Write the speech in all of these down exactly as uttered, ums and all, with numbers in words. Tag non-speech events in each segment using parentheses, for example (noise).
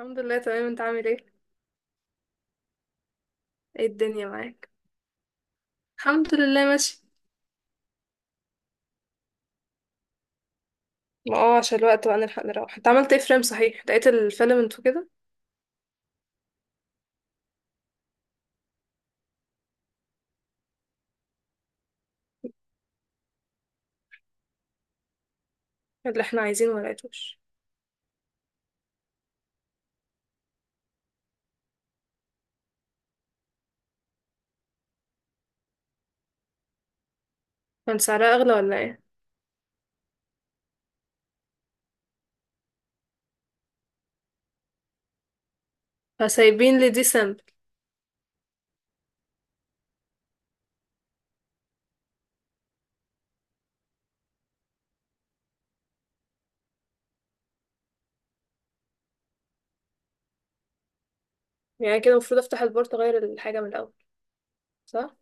الحمد لله تمام، انت عامل ايه؟ ايه الدنيا معاك؟ الحمد لله ماشي. ما اه عشان الوقت بقى نلحق نروح. انت عملت ايه؟ فريم، صحيح؟ لقيت الفيلم انتو كده؟ اللي احنا عايزينه ما لقيتوش؟ كان سعرها اغلى ولا ايه؟ فسايبين لي دي سامبل؟ يعني كده المفروض افتح البورت اغير الحاجه من الاول. صح.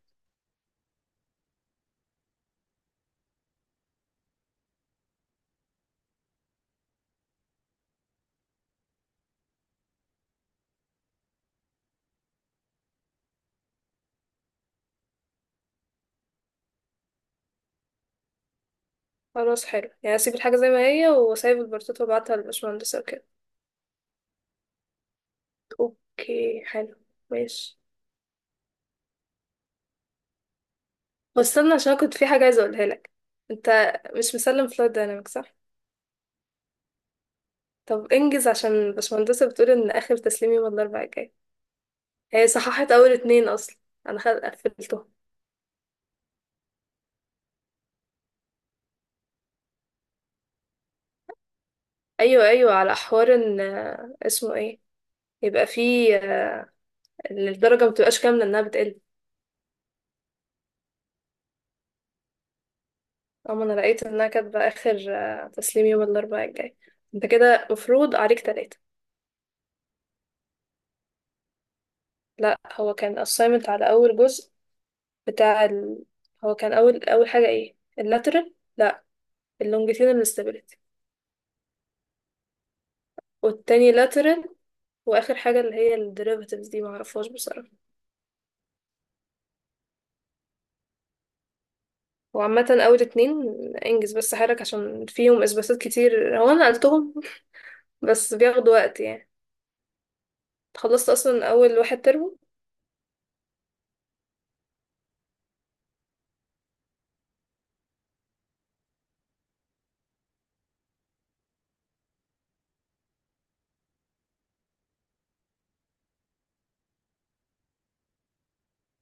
خلاص، حلو. يعني اسيب الحاجه زي ما هي واسيب البورتات وابعتها للبشمهندس وكده. اوكي، حلو. ماشي. بس استنى عشان كنت في حاجه عايزه اقولها لك. انت مش مسلم فلايت دايناميك، صح؟ طب انجز عشان البشمهندسة بتقول ان اخر تسليم يوم الاربعاء الجاي. هي صححت اول اتنين اصلا. انا خل- قفلتهم. ايوه ايوه، على حوار ان آه، اسمه ايه، يبقى فيه، آه، ان الدرجه ما بتبقاش كامله، انها بتقل. اما انا لقيت انها كاتبه اخر آه، تسليم يوم الاربعاء الجاي. انت كده مفروض عليك تلاتة. لا، هو كان assignment على اول جزء. بتاع ال... هو كان اول، اول حاجه ايه؟ اللاترال، لا، اللونجيتيودينال stability. والتاني lateral. واخر حاجه اللي هي الديريفاتيفز دي معرفهاش بصراحه. وعامة أول اتنين انجز بس حالك عشان فيهم إثباتات كتير. هو أنا نقلتهم بس بياخدوا وقت يعني. خلصت أصلا أول واحد ترم.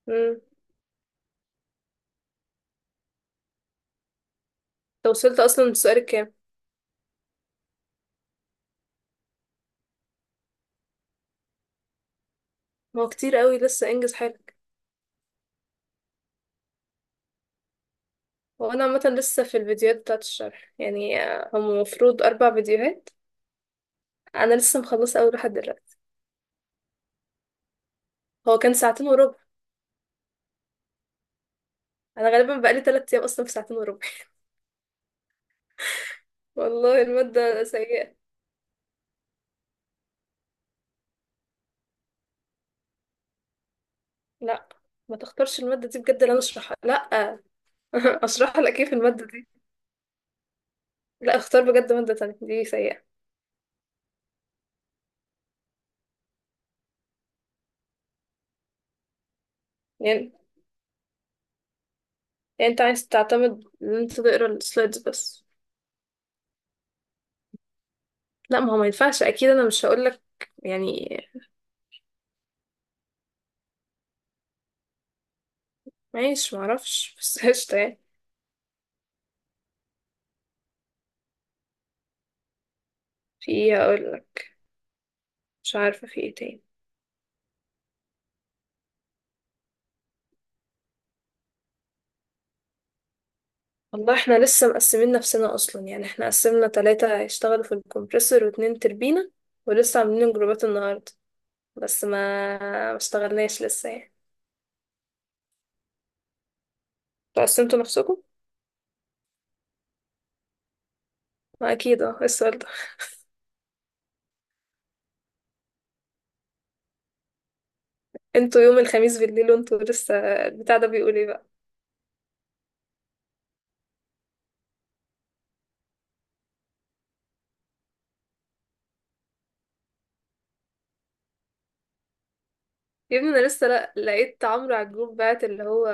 مم. أنت وصلت أصلا للسؤال الكام؟ ما هو كتير قوي، لسه انجز حالك. وأنا عامة لسه في الفيديوهات بتاعة الشرح يعني آه، هم المفروض أربع فيديوهات. أنا لسه مخلصة أول واحد دلوقتي. هو كان ساعتين وربع. أنا غالبا بقالي تلات أيام أصلا في ساعتين وربع. (laughs) والله المادة سيئة. لأ، ما تختارش المادة دي بجد، اللي أنا أشرحها لأ. (laughs) أشرح لك إيه في المادة؟ لا، اختار بجد مادة تانية، دي سيئة. يعني، يعني انت عايز تعتمد ان انت تقرا السلايدز بس؟ لا، ما هو ما ينفعش اكيد، انا مش هقولك يعني. ماشي، معرفش بس. (laughs) قشطة يعني. في ايه هقولك؟ مش عارفة في ايه تاني. والله احنا لسه مقسمين نفسنا اصلا يعني، احنا قسمنا تلاتة هيشتغلوا في الكمبريسور واتنين تربينة. ولسه عاملين جروبات النهاردة. بس ما ما اشتغلناش لسه يعني. انتوا قسمتوا نفسكم؟ ما اكيد اه، إيه السؤال ده؟ (laughs) انتوا يوم الخميس بالليل وانتوا لسه، البتاع ده بيقول ايه بقى. يا ابني انا لسه لا- لقيت عمرو على الجروب بعت اللي هو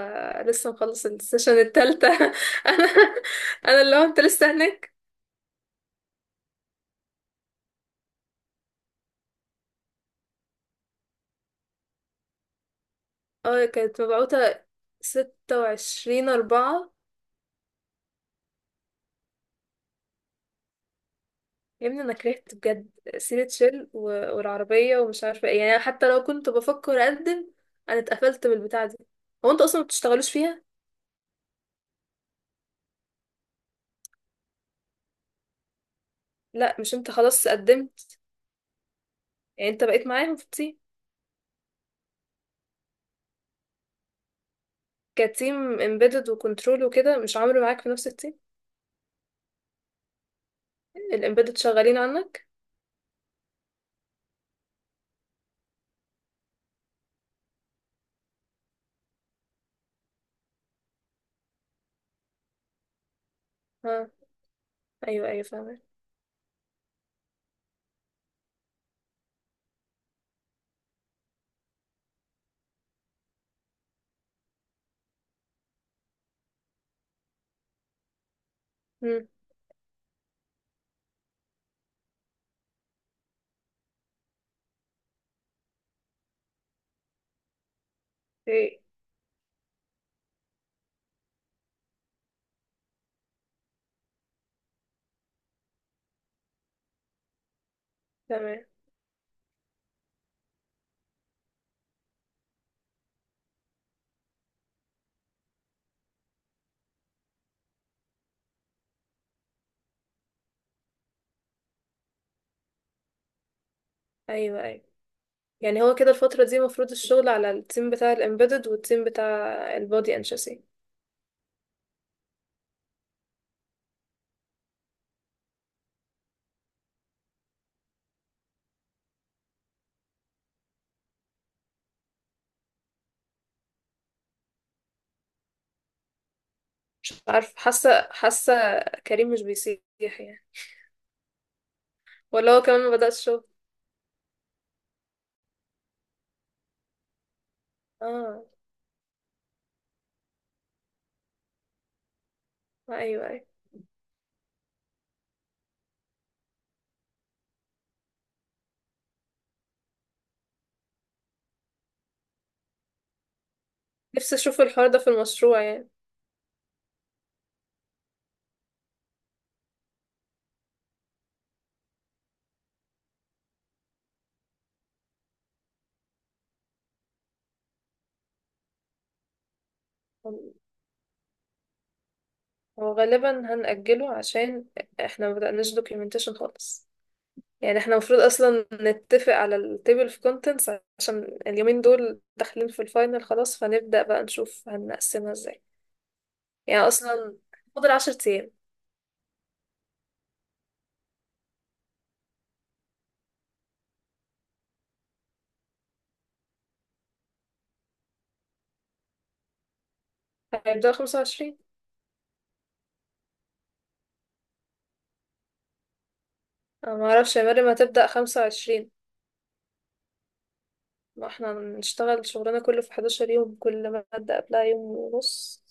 لسه مخلص السيشن التالتة. (laughs) انا انا اللي هو انت لسه هناك. اه كانت مبعوثة ستة وعشرين أربعة. يا ابني انا كرهت بجد سيرة شيل و... والعربية ومش عارفة ايه يعني. أنا حتى لو كنت بفكر اقدم انا اتقفلت بالبتاعة دي. هو انتوا اصلا ما بتشتغلوش فيها؟ لا، مش انت خلاص قدمت؟ يعني انت بقيت معاهم في التيم؟ كتيم امبيدد وكنترول وكده، مش عمرو معاك في نفس التيم؟ الامبيدد شغالين عنك؟ آه. ايوه ايوه، فاهمة. امم. ايه؟ تمام. ايوه ايوه، يعني هو كده الفترة دي المفروض الشغل على التيم بتاع الامبيدد والتيم بتاع البودي انشاسي. عارف، حاسة حاسة. كريم مش بيسيح يعني، ولا هو كمان ما بدأش شغل؟ اه. ايوه ايوه. نفسي اشوف الحوار ده في المشروع يعني. هو غالبا هنأجله عشان احنا ما بدأناش دوكيومنتيشن خالص. يعني احنا المفروض اصلا نتفق على التيبل اوف كونتنتس عشان اليومين دول داخلين في الفاينل خلاص، فنبدأ بقى نشوف هنقسمها ازاي. يعني اصلا فاضل عشر ايام. هيبدأوا خمسة وعشرين. انا معرفش يا مريم، هتبدأ خمسة وعشرين. ما احنا هنشتغل شغلنا كله في حداشر يوم، كل مادة قبلها يوم ونص.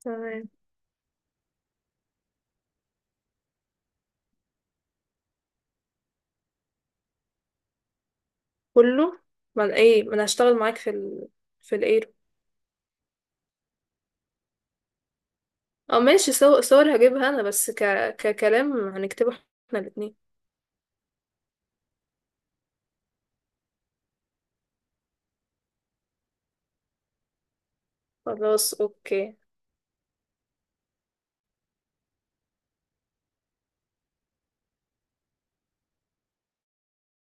تمام. كله. ما أنا ايه، ما انا هشتغل معاك في ال... في الايرو. اه ماشي، صور صور هجيبها انا بس ك... ككلام هنكتبه احنا الاتنين. خلاص اوكي.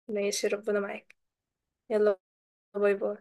ماشي ربنا معاك. يلا باي باي.